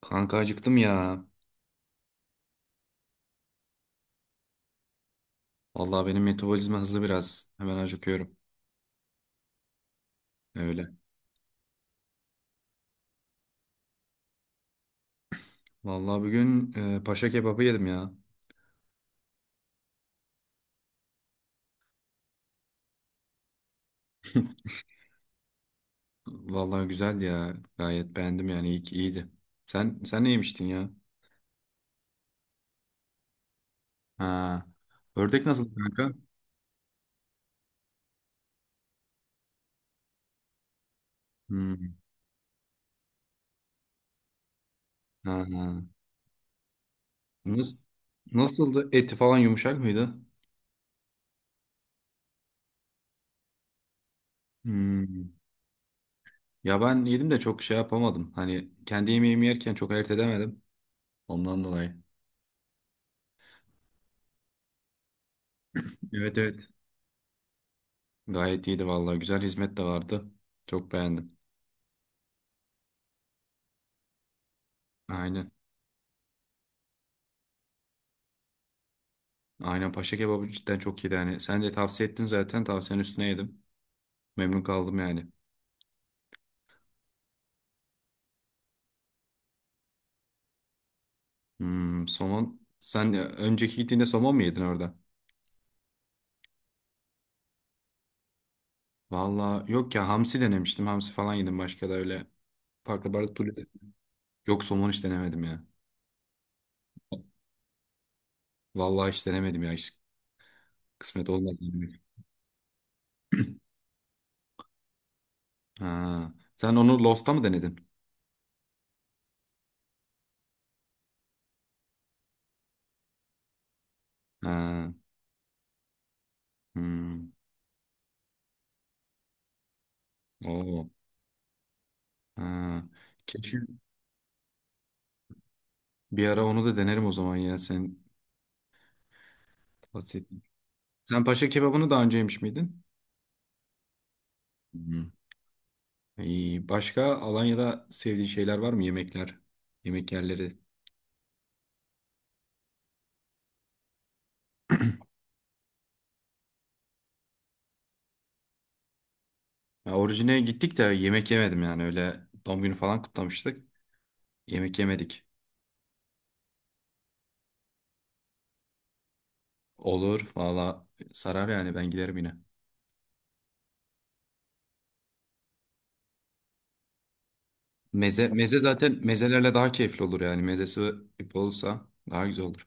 Kanka acıktım ya. Vallahi benim metabolizma hızlı biraz. Hemen acıkıyorum. Öyle. Vallahi bugün paşa kebabı yedim ya. Vallahi güzeldi ya. Gayet beğendim yani. İyi ki iyiydi. Sen ne yemiştin ya? Ha. Ördek nasıl kanka? Hmm. Ha. Nasıl, nasıldı? Eti falan yumuşak mıydı? Hmm. Ya ben yedim de çok şey yapamadım. Hani kendi yemeğimi yerken çok ayırt edemedim. Ondan dolayı. Evet, evet. Gayet iyiydi vallahi. Güzel hizmet de vardı. Çok beğendim. Aynen. Aynen paşa kebabı cidden çok iyiydi yani. Sen de tavsiye ettin zaten. Tavsiyenin üstüne yedim. Memnun kaldım yani. Hmm, somon. Sen önceki gittiğinde somon mu yedin orada? Valla yok ya hamsi denemiştim. Hamsi falan yedim başka da öyle. Farklı balık türlü. Yok somon hiç denemedim ya. Vallahi hiç denemedim ya. Hiç kısmet olmadı. Ha. Sen onu Lost'ta mı denedin? Ha. Hmm. Oo. Ha. Keşke bir ara onu da denerim o zaman ya. Sen bahsettin. Sen paşa kebabını daha önce yemiş miydin? Hı. İyi. Başka Alanya'da sevdiğin şeyler var mı? Yemekler, yemek yerleri. Ya orijine gittik de yemek yemedim yani öyle doğum günü falan kutlamıştık. Yemek yemedik. Olur valla sarar yani ben giderim yine. Meze, meze zaten mezelerle daha keyifli olur yani mezesi olursa daha güzel olur.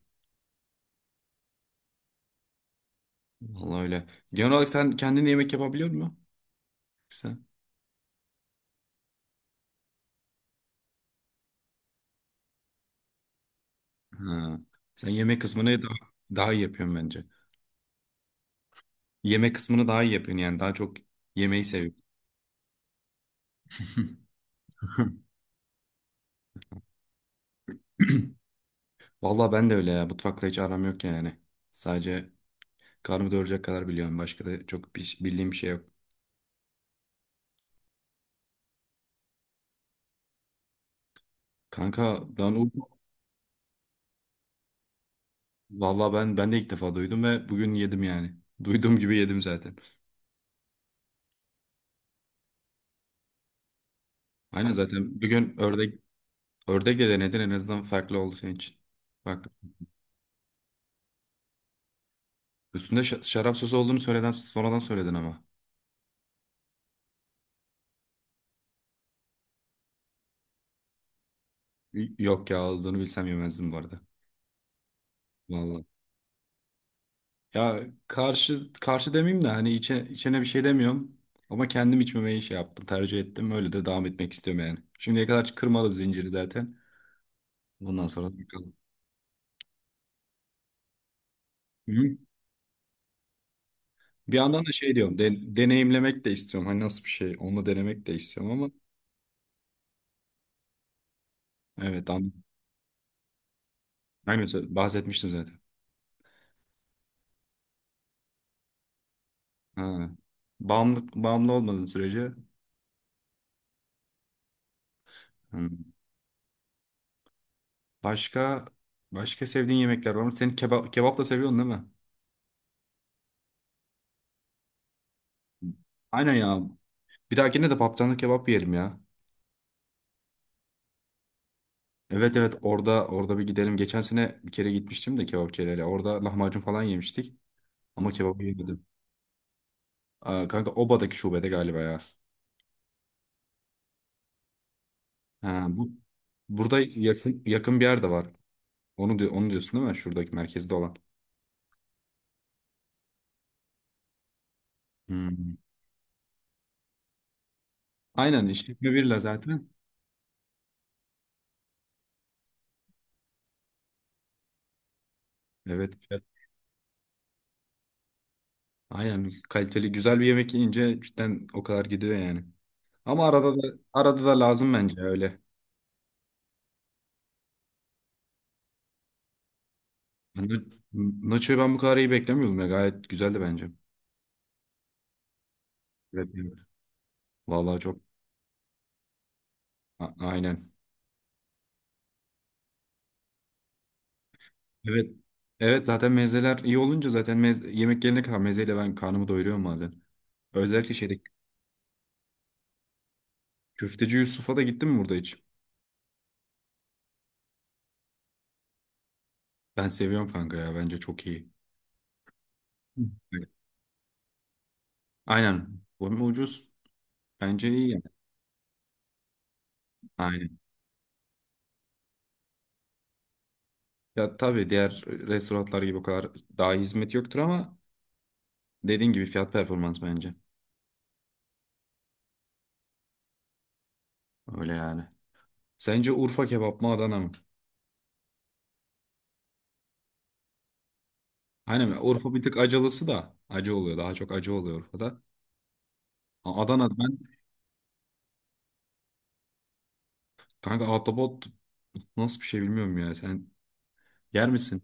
Vallahi öyle. Genel olarak sen kendin yemek yapabiliyor musun? Sen, ha. Sen yemek kısmını daha, daha iyi yapıyorsun bence. Yemek kısmını daha iyi yapıyorsun yani daha çok yemeği seviyorsun. Vallahi ben de öyle ya. Mutfakla hiç aram yok yani. Sadece karnımı doyuracak kadar biliyorum. Başka da çok bir, bildiğim bir şey yok. Kanka danul Vallahi ben de ilk defa duydum ve bugün yedim yani. Duyduğum gibi yedim zaten. Aynen zaten. Bir gün ördek de denedin en azından farklı oldu senin için. Bak üstünde şarap sosu olduğunu söyleden sonradan söyledin ama. Yok ya olduğunu bilsem yemezdim bu arada. Vallahi. Ya karşı karşı demeyeyim de hani içene bir şey demiyorum. Ama kendim içmemeyi şey yaptım, tercih ettim. Öyle de devam etmek istiyorum yani. Şimdiye kadar kırmadım zinciri zaten. Bundan sonra da bakalım. Hı hı. Bir yandan da şey diyorum, deneyimlemek de istiyorum. Hani nasıl bir şey, onu denemek de istiyorum ama evet, anladım. Bahsetmiştin zaten. Ha. Bağımlı olmadığın sürece. Hı. Başka başka sevdiğin yemekler var mı? Sen kebap da seviyorsun değil mi? Aynen ya. Bir dahakine de patlıcanlı kebap yiyelim ya. Evet, evet, orada bir gidelim. Geçen sene bir kere gitmiştim de kebapçılara. Orada lahmacun falan yemiştik ama kebabı yemedim. Aa, kanka Oba'daki şubede galiba ya. Ha, burada yakın bir yerde var. Onu diyorsun değil mi? Şuradaki merkezde olan. Hmm. Aynen işletme birla zaten. Evet. Aynen kaliteli güzel bir yemek yiyince cidden o kadar gidiyor yani. Ama arada da lazım bence öyle. Na- Nacho'yu ben bu kadar iyi beklemiyordum ya. Gayet güzeldi bence. Evet, evet. Vallahi çok aynen. Evet. Evet zaten mezeler iyi olunca zaten yemek gelene kadar mezeyle ben karnımı doyuruyorum bazen. Özellikle şeyde köfteci Yusuf'a da gittin mi burada hiç? Ben seviyorum kanka ya bence çok iyi. Hı. Evet. Aynen. Bu hem ucuz bence iyi yani. Aynen. Ya tabii diğer restoranlar gibi o kadar daha iyi hizmet yoktur ama dediğin gibi fiyat performans bence. Öyle yani. Sence Urfa kebap mı Adana mı? Aynen Urfa bir tık acılısı da acı oluyor. Daha çok acı oluyor Urfa'da. Adana kanka ahtapot nasıl bir şey bilmiyorum ya. Sen yer misin?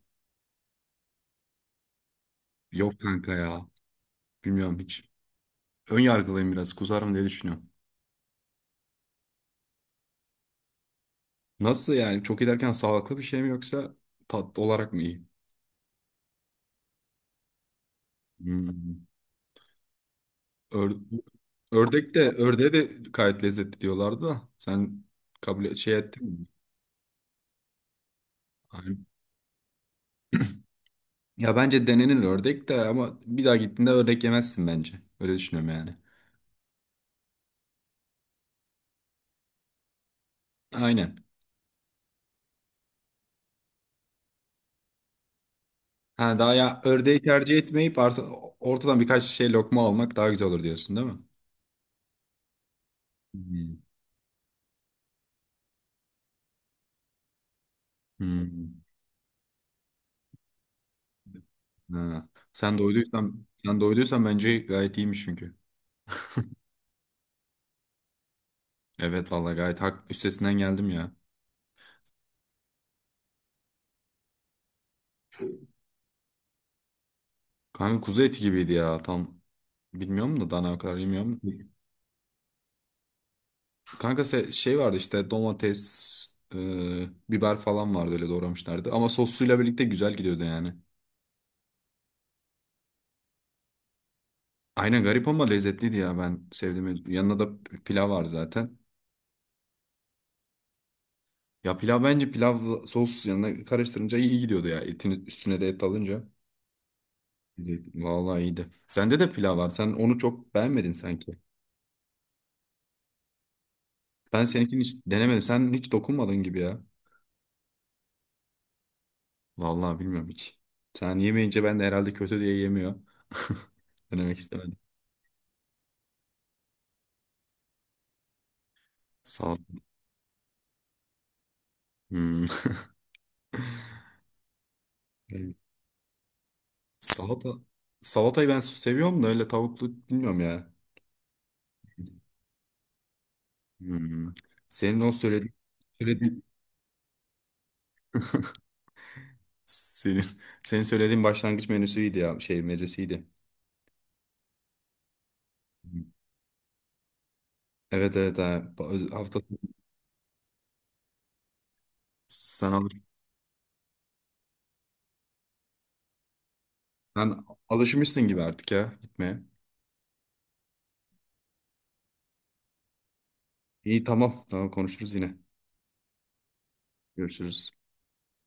Yok kanka ya. Bilmiyorum hiç. Ön yargılıyım biraz. Kuzarım diye düşünüyorum. Nasıl yani? Çok iyi derken sağlıklı bir şey mi yoksa tatlı olarak mı iyi? Hmm. Ör- ördek de ördeğe de gayet lezzetli diyorlardı da. Sen kabul şey ettin mi? Hani- ya bence denenir ördek de ama bir daha gittiğinde ördek yemezsin bence. Öyle düşünüyorum yani. Aynen. Ha, daha ya ördeği tercih etmeyip ortadan birkaç şey lokma almak daha güzel olur diyorsun değil mi? Hmm. Hmm. Ha. Sen doyduysan bence gayet iyiymiş çünkü. Evet vallahi gayet hak üstesinden geldim ya. Kanka kuzu eti gibiydi ya tam bilmiyorum da dana o kadar bilmiyorum. Kanka şey vardı işte domates, biber falan vardı öyle doğramışlardı. Ama sosuyla birlikte güzel gidiyordu yani. Aynen garip ama lezzetliydi ya ben sevdim. Yanında da pilav var zaten. Ya bence pilav sos yanına karıştırınca iyi gidiyordu ya. Etin üstüne de et alınca. Evet, vallahi iyiydi. Sende de pilav var. Sen onu çok beğenmedin sanki. Ben seninkini hiç denemedim. Sen hiç dokunmadın gibi ya. Vallahi bilmiyorum hiç. Sen yemeyince ben de herhalde kötü diye yemiyor. Denemek istemedim. Salata. Hmm. Evet. Salata. Salatayı ben seviyorum da öyle tavuklu bilmiyorum ya. Hmm. Senin o söylediğin, söylediğin senin, senin söylediğin başlangıç menüsüydü ya şey mezesiydi. Evet evet ha. Hafta sonu sen, alış sen alışmışsın gibi artık ya gitmeye. İyi, tamam konuşuruz yine. Görüşürüz.